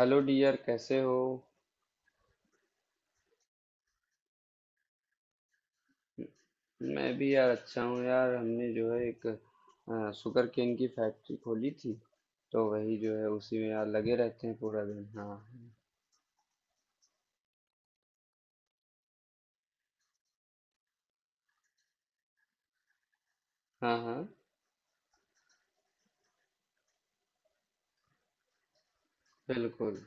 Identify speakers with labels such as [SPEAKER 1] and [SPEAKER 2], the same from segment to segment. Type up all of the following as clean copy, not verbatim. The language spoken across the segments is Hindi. [SPEAKER 1] हेलो डियर, कैसे हो? मैं भी यार अच्छा हूँ। यार हमने जो है एक शुगर केन की फैक्ट्री खोली थी। तो वही जो है उसी में यार लगे रहते हैं पूरा दिन। हाँ, हाँ, हाँ, बिल्कुल।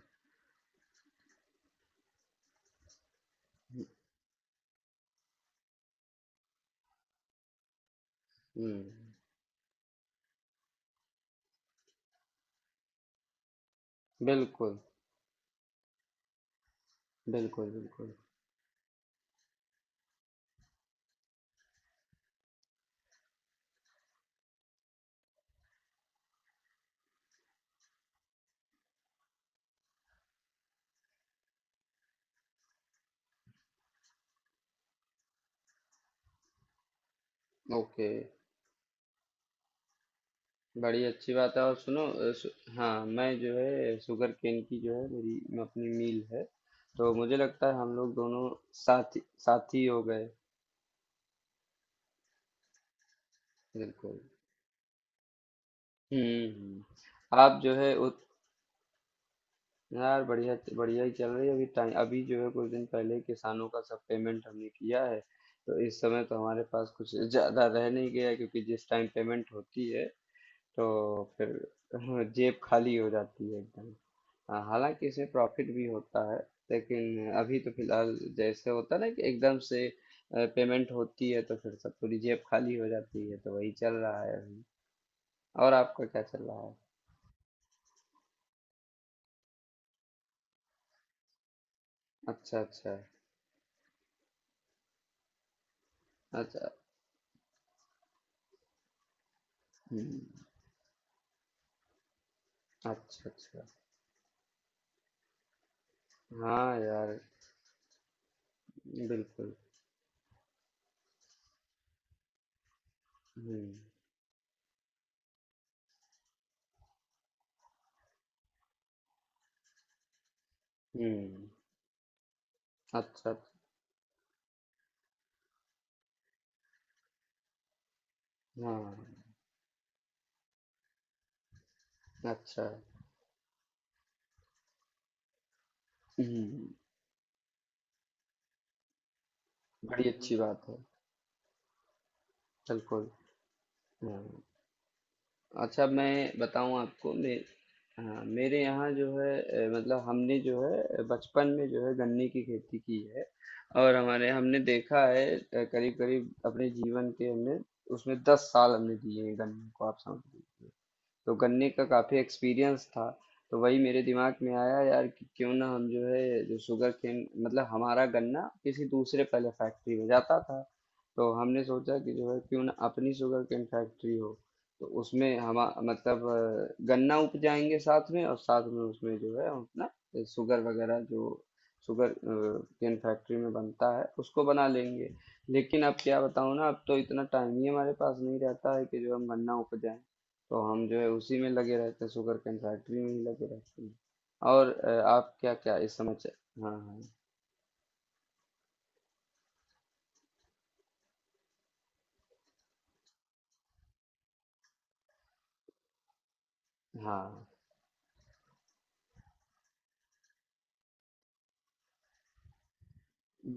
[SPEAKER 1] हम्म। बिल्कुल, बिल्कुल, बिल्कुल। ओके। बड़ी अच्छी बात है। और सुनो, हाँ मैं जो है शुगर केन की जो है मेरी, मैं अपनी मील है। तो मुझे लगता है हम लोग दोनों साथी, साथी हो गए। बिल्कुल। हम्म। आप जो है यार बढ़िया बढ़िया ही चल रही है। अभी टाइम अभी जो है कुछ दिन पहले ही किसानों का सब पेमेंट हमने किया है। तो इस समय तो हमारे पास कुछ ज्यादा रह नहीं गया, क्योंकि जिस टाइम पेमेंट होती है तो फिर जेब खाली हो जाती है एकदम। हाँ, हालांकि इसमें प्रॉफिट भी होता है, लेकिन अभी तो फिलहाल जैसे होता है ना कि एकदम से पेमेंट होती है तो फिर सब पूरी जेब खाली हो जाती है, तो वही चल रहा है अभी। और आपका क्या चल रहा है? अच्छा। अच्छा। अच्छा। हम्म। अच्छा। अच्छा। हाँ यार। बिल्कुल। हम्म। हम्म अच्छा। हाँ। अच्छा। हम्म। बड़ी अच्छी बात है। बिल्कुल। हाँ। अच्छा, मैं बताऊं आपको, मैं हाँ मेरे यहाँ जो है मतलब हमने जो है बचपन में जो है गन्ने की खेती की है। और हमारे हमने देखा है, करीब करीब अपने जीवन के हमने उसमें 10 साल हमने दिए हैं गन्ने को, आप समझ लीजिए। तो गन्ने का काफ़ी एक्सपीरियंस था। तो वही मेरे दिमाग में आया यार कि क्यों ना हम जो है जो शुगर केन मतलब हमारा गन्ना किसी दूसरे पहले फैक्ट्री में जाता था। तो हमने सोचा कि जो है क्यों ना अपनी शुगर केन फैक्ट्री हो। तो उसमें हम मतलब गन्ना उपजाएंगे साथ में, और साथ में उसमें जो है हम अपना शुगर वगैरह जो शुगर केन फैक्ट्री में बनता है उसको बना लेंगे। लेकिन अब क्या बताऊं ना, अब तो इतना टाइम ही हमारे पास नहीं रहता है कि जो हम गन्ना उपजाएं। तो हम जो है उसी में लगे रहते हैं, शुगर केन फैक्ट्री में ही लगे रहते हैं। और आप क्या क्या इस समय हाँ, हाँ, हाँ,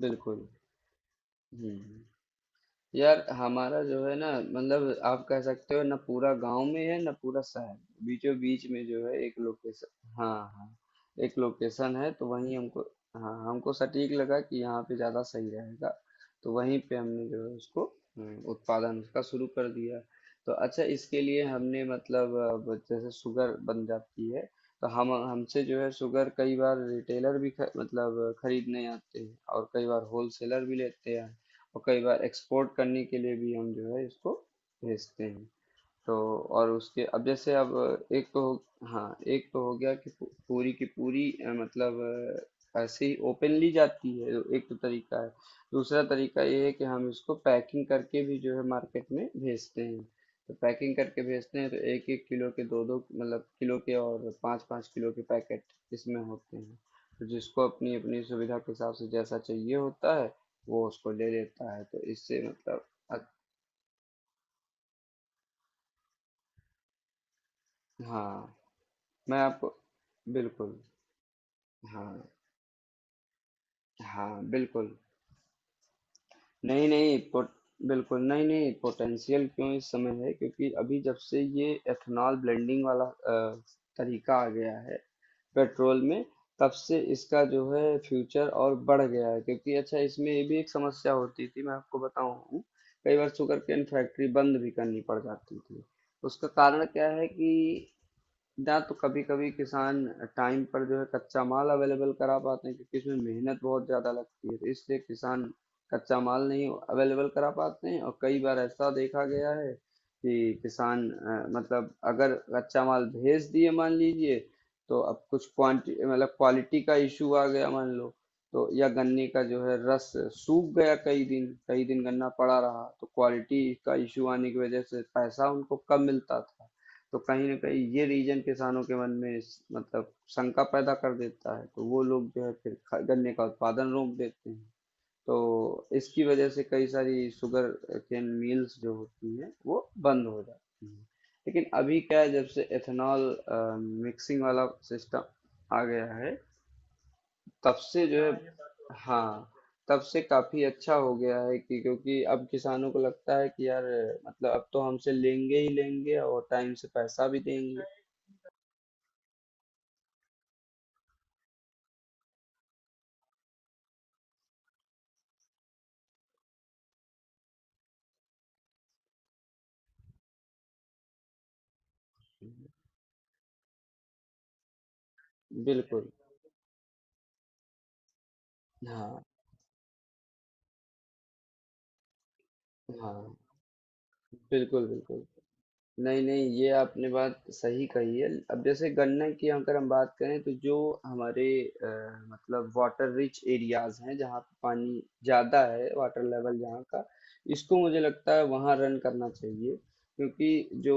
[SPEAKER 1] बिल्कुल। हम्म। यार हमारा जो है ना, मतलब आप कह सकते हो ना, पूरा गांव में है ना पूरा शहर, बीचों बीच में जो है एक लोकेशन, हाँ, हाँ, एक लोकेशन है तो वहीं हमको, हाँ, हमको सटीक लगा कि यहाँ पे ज़्यादा सही रहेगा। तो वहीं पे हमने जो है उसको, उत्पादन उसका शुरू कर दिया। तो अच्छा, इसके लिए हमने मतलब जैसे शुगर बन जाती है, तो हम हमसे जो है शुगर कई बार रिटेलर भी मतलब खरीदने आते हैं, और कई बार होलसेलर भी लेते हैं। और कई बार एक्सपोर्ट करने के लिए भी हम जो है इसको भेजते हैं। तो और उसके, अब जैसे अब एक तो हाँ एक तो हो गया कि पूरी की पूरी मतलब ऐसे ही ओपनली जाती है, एक तो तरीका है। दूसरा तरीका ये है कि हम इसको पैकिंग करके भी जो है मार्केट में भेजते हैं। तो पैकिंग करके भेजते हैं तो एक एक किलो के, दो दो मतलब किलो के, और पाँच पाँच किलो के पैकेट इसमें होते हैं। तो जिसको अपनी अपनी सुविधा के हिसाब से जैसा चाहिए होता है, वो उसको ले लेता है। तो इससे मतलब अ- हाँ, मैं आपको बिल्कुल। हाँ, हाँ, बिल्कुल। नहीं-नहीं पोट बिल्कुल, नहीं-नहीं पोटेंशियल क्यों इस समय है, क्योंकि अभी जब से ये एथेनॉल ब्लेंडिंग वाला तरीका आ गया है पेट्रोल में, तब से इसका जो है फ्यूचर और बढ़ गया है। क्योंकि अच्छा, इसमें ये भी एक समस्या होती थी, मैं आपको बताऊँ, कई बार शुगरकेन फैक्ट्री बंद भी करनी पड़ जाती थी। उसका कारण क्या है कि ना तो कभी-कभी किसान टाइम पर जो है कच्चा माल अवेलेबल करा पाते हैं, क्योंकि इसमें मेहनत बहुत ज़्यादा लगती है, तो इसलिए किसान कच्चा माल नहीं अवेलेबल करा पाते हैं। और कई बार ऐसा देखा गया है कि किसान मतलब अगर कच्चा माल भेज दिए मान लीजिए, तो अब कुछ क्वांटी मतलब क्वालिटी का इशू आ गया मान लो, तो या गन्ने का जो है रस सूख गया, कई दिन गन्ना पड़ा रहा, तो क्वालिटी का इशू आने की वजह से पैसा उनको कम मिलता था। तो कहीं न कहीं ये रीज़न किसानों के मन में स मतलब शंका पैदा कर देता है, तो वो लोग जो है फिर ख गन्ने का उत्पादन रोक देते हैं। तो इसकी वजह से कई सारी शुगर केन मिल्स जो होती हैं, वो बंद हो जाती हैं। लेकिन अभी क्या है, जब से एथेनॉल मिक्सिंग वाला सिस्टम आ गया है, तब से जो है, हाँ, ये बात तो है। हाँ, तब से काफ़ी अच्छा हो गया है कि, क्योंकि अब किसानों को लगता है कि यार मतलब अब तो हमसे लेंगे ही लेंगे और टाइम से पैसा भी देंगे। बिल्कुल, हाँ, हाँ, बिल्कुल, बिल्कुल। नहीं, नहीं, ये आपने बात सही कही है। अब जैसे गन्ने की अगर हम बात करें, तो जो हमारे अ, मतलब वाटर रिच एरियाज़ हैं, जहाँ पे पानी ज़्यादा है, वाटर लेवल जहाँ का, इसको मुझे लगता है वहाँ रन करना चाहिए। क्योंकि जो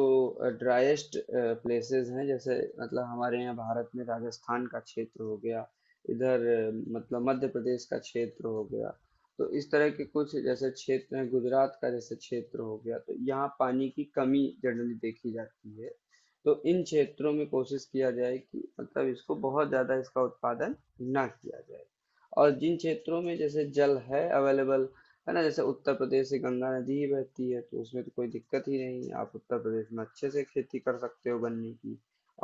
[SPEAKER 1] ड्राइएस्ट प्लेसेस हैं, जैसे मतलब हमारे यहाँ भारत में राजस्थान का क्षेत्र हो गया, इधर मतलब मध्य प्रदेश का क्षेत्र हो गया, तो इस तरह के कुछ जैसे क्षेत्र हैं, गुजरात का जैसे क्षेत्र हो गया, तो यहाँ पानी की कमी जनरली देखी जाती है। तो इन क्षेत्रों में कोशिश किया जाए कि मतलब इसको बहुत ज़्यादा इसका उत्पादन ना किया जाए। और जिन क्षेत्रों में जैसे जल है अवेलेबल, है ना, जैसे उत्तर प्रदेश से गंगा नदी ही बहती है, तो उसमें तो कोई दिक्कत ही नहीं है, आप उत्तर प्रदेश में अच्छे से खेती कर सकते हो गन्ने की।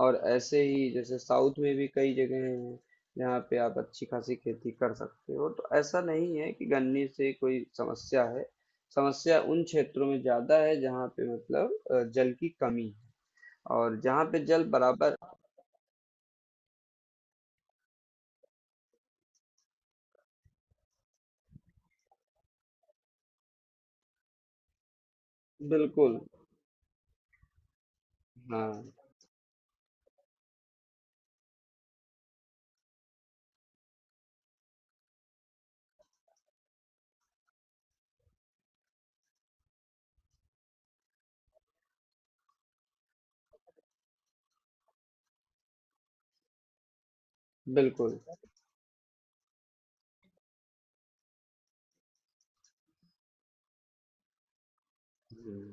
[SPEAKER 1] और ऐसे ही जैसे साउथ में भी कई जगह हैं, यहाँ पे आप अच्छी खासी खेती कर सकते हो। तो ऐसा नहीं है कि गन्ने से कोई समस्या है। समस्या उन क्षेत्रों में ज्यादा है जहाँ पे मतलब जल की कमी है और जहाँ पे जल बराबर, बिल्कुल, हाँ, बिल्कुल। हम्म,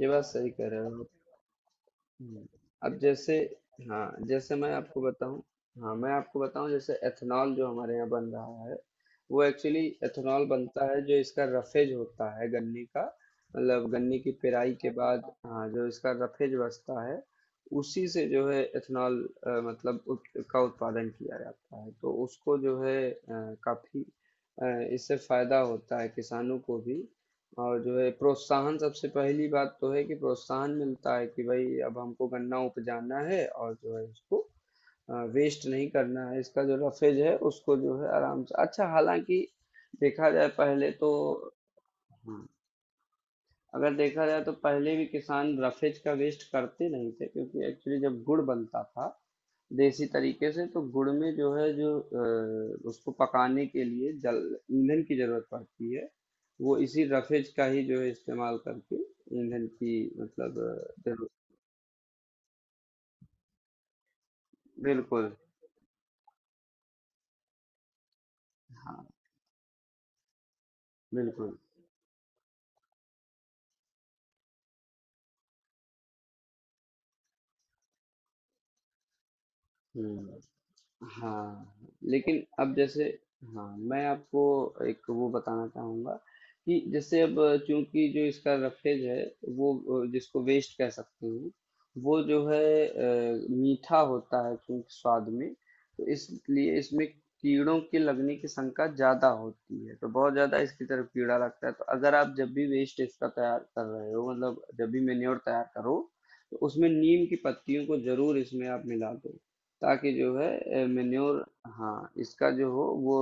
[SPEAKER 1] ये बात सही कह रहे हो। हुँ। अब जैसे, हाँ, जैसे मैं आपको बताऊँ, हाँ, मैं आपको बताऊँ, जैसे एथेनॉल जो हमारे यहाँ बन रहा है, वो एक्चुअली एथेनॉल बनता है जो इसका रफेज होता है गन्ने का, मतलब गन्ने की पेराई के बाद, हाँ, जो इसका रफेज बचता है, उसी से जो है एथेनॉल मतलब उत का उत्पादन किया जाता है। तो उसको जो है काफ़ी अ, इससे फ़ायदा होता है किसानों को भी, और जो है प्रोत्साहन सबसे पहली बात तो है कि प्रोत्साहन मिलता है कि भाई अब हमको गन्ना उपजाना है और जो है उसको वेस्ट नहीं करना है। इसका जो रफेज है उसको जो है आराम से, अच्छा, हालांकि देखा जाए पहले तो, हाँ, अगर देखा जाए तो पहले भी किसान रफेज का वेस्ट करते नहीं थे, क्योंकि एक्चुअली जब गुड़ बनता था देसी तरीके से, तो गुड़ में जो है जो उसको पकाने के लिए जल, ईंधन की जरूरत पड़ती है, वो इसी रफेज का ही जो है इस्तेमाल करके ईंधन की मतलब जरूरत, बिल्कुल, हाँ, बिल्कुल। हम्म। हाँ। लेकिन अब जैसे, हाँ, मैं आपको एक वो बताना चाहूँगा कि जैसे अब चूंकि जो इसका रफेज है, वो जिसको वेस्ट कह सकते हैं, वो जो है मीठा होता है चूंकि स्वाद में, तो इसलिए इसमें कीड़ों के लगने की शंका ज़्यादा होती है, तो बहुत ज़्यादा इसकी तरफ कीड़ा लगता है। तो अगर आप जब भी वेस्ट इसका तैयार कर रहे हो, मतलब जब भी मेन्योर तैयार करो, तो उसमें नीम की पत्तियों को जरूर इसमें आप मिला दो, ताकि जो है मेन्योर, हाँ, इसका जो हो वो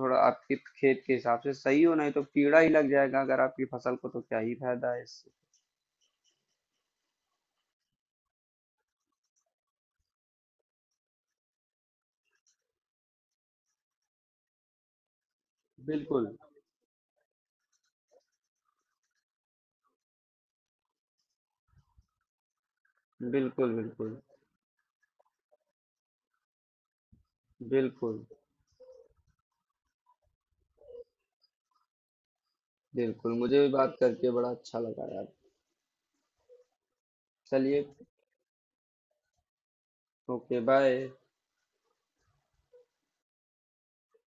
[SPEAKER 1] थोड़ा आपके खेत के हिसाब से सही हो, नहीं तो कीड़ा ही लग जाएगा अगर आपकी फसल को, तो क्या ही फायदा है इससे? बिल्कुल, बिल्कुल, बिल्कुल, बिल्कुल। बिल्कुल, मुझे भी बात करके बड़ा अच्छा लगा यार। चलिए। Okay, bye.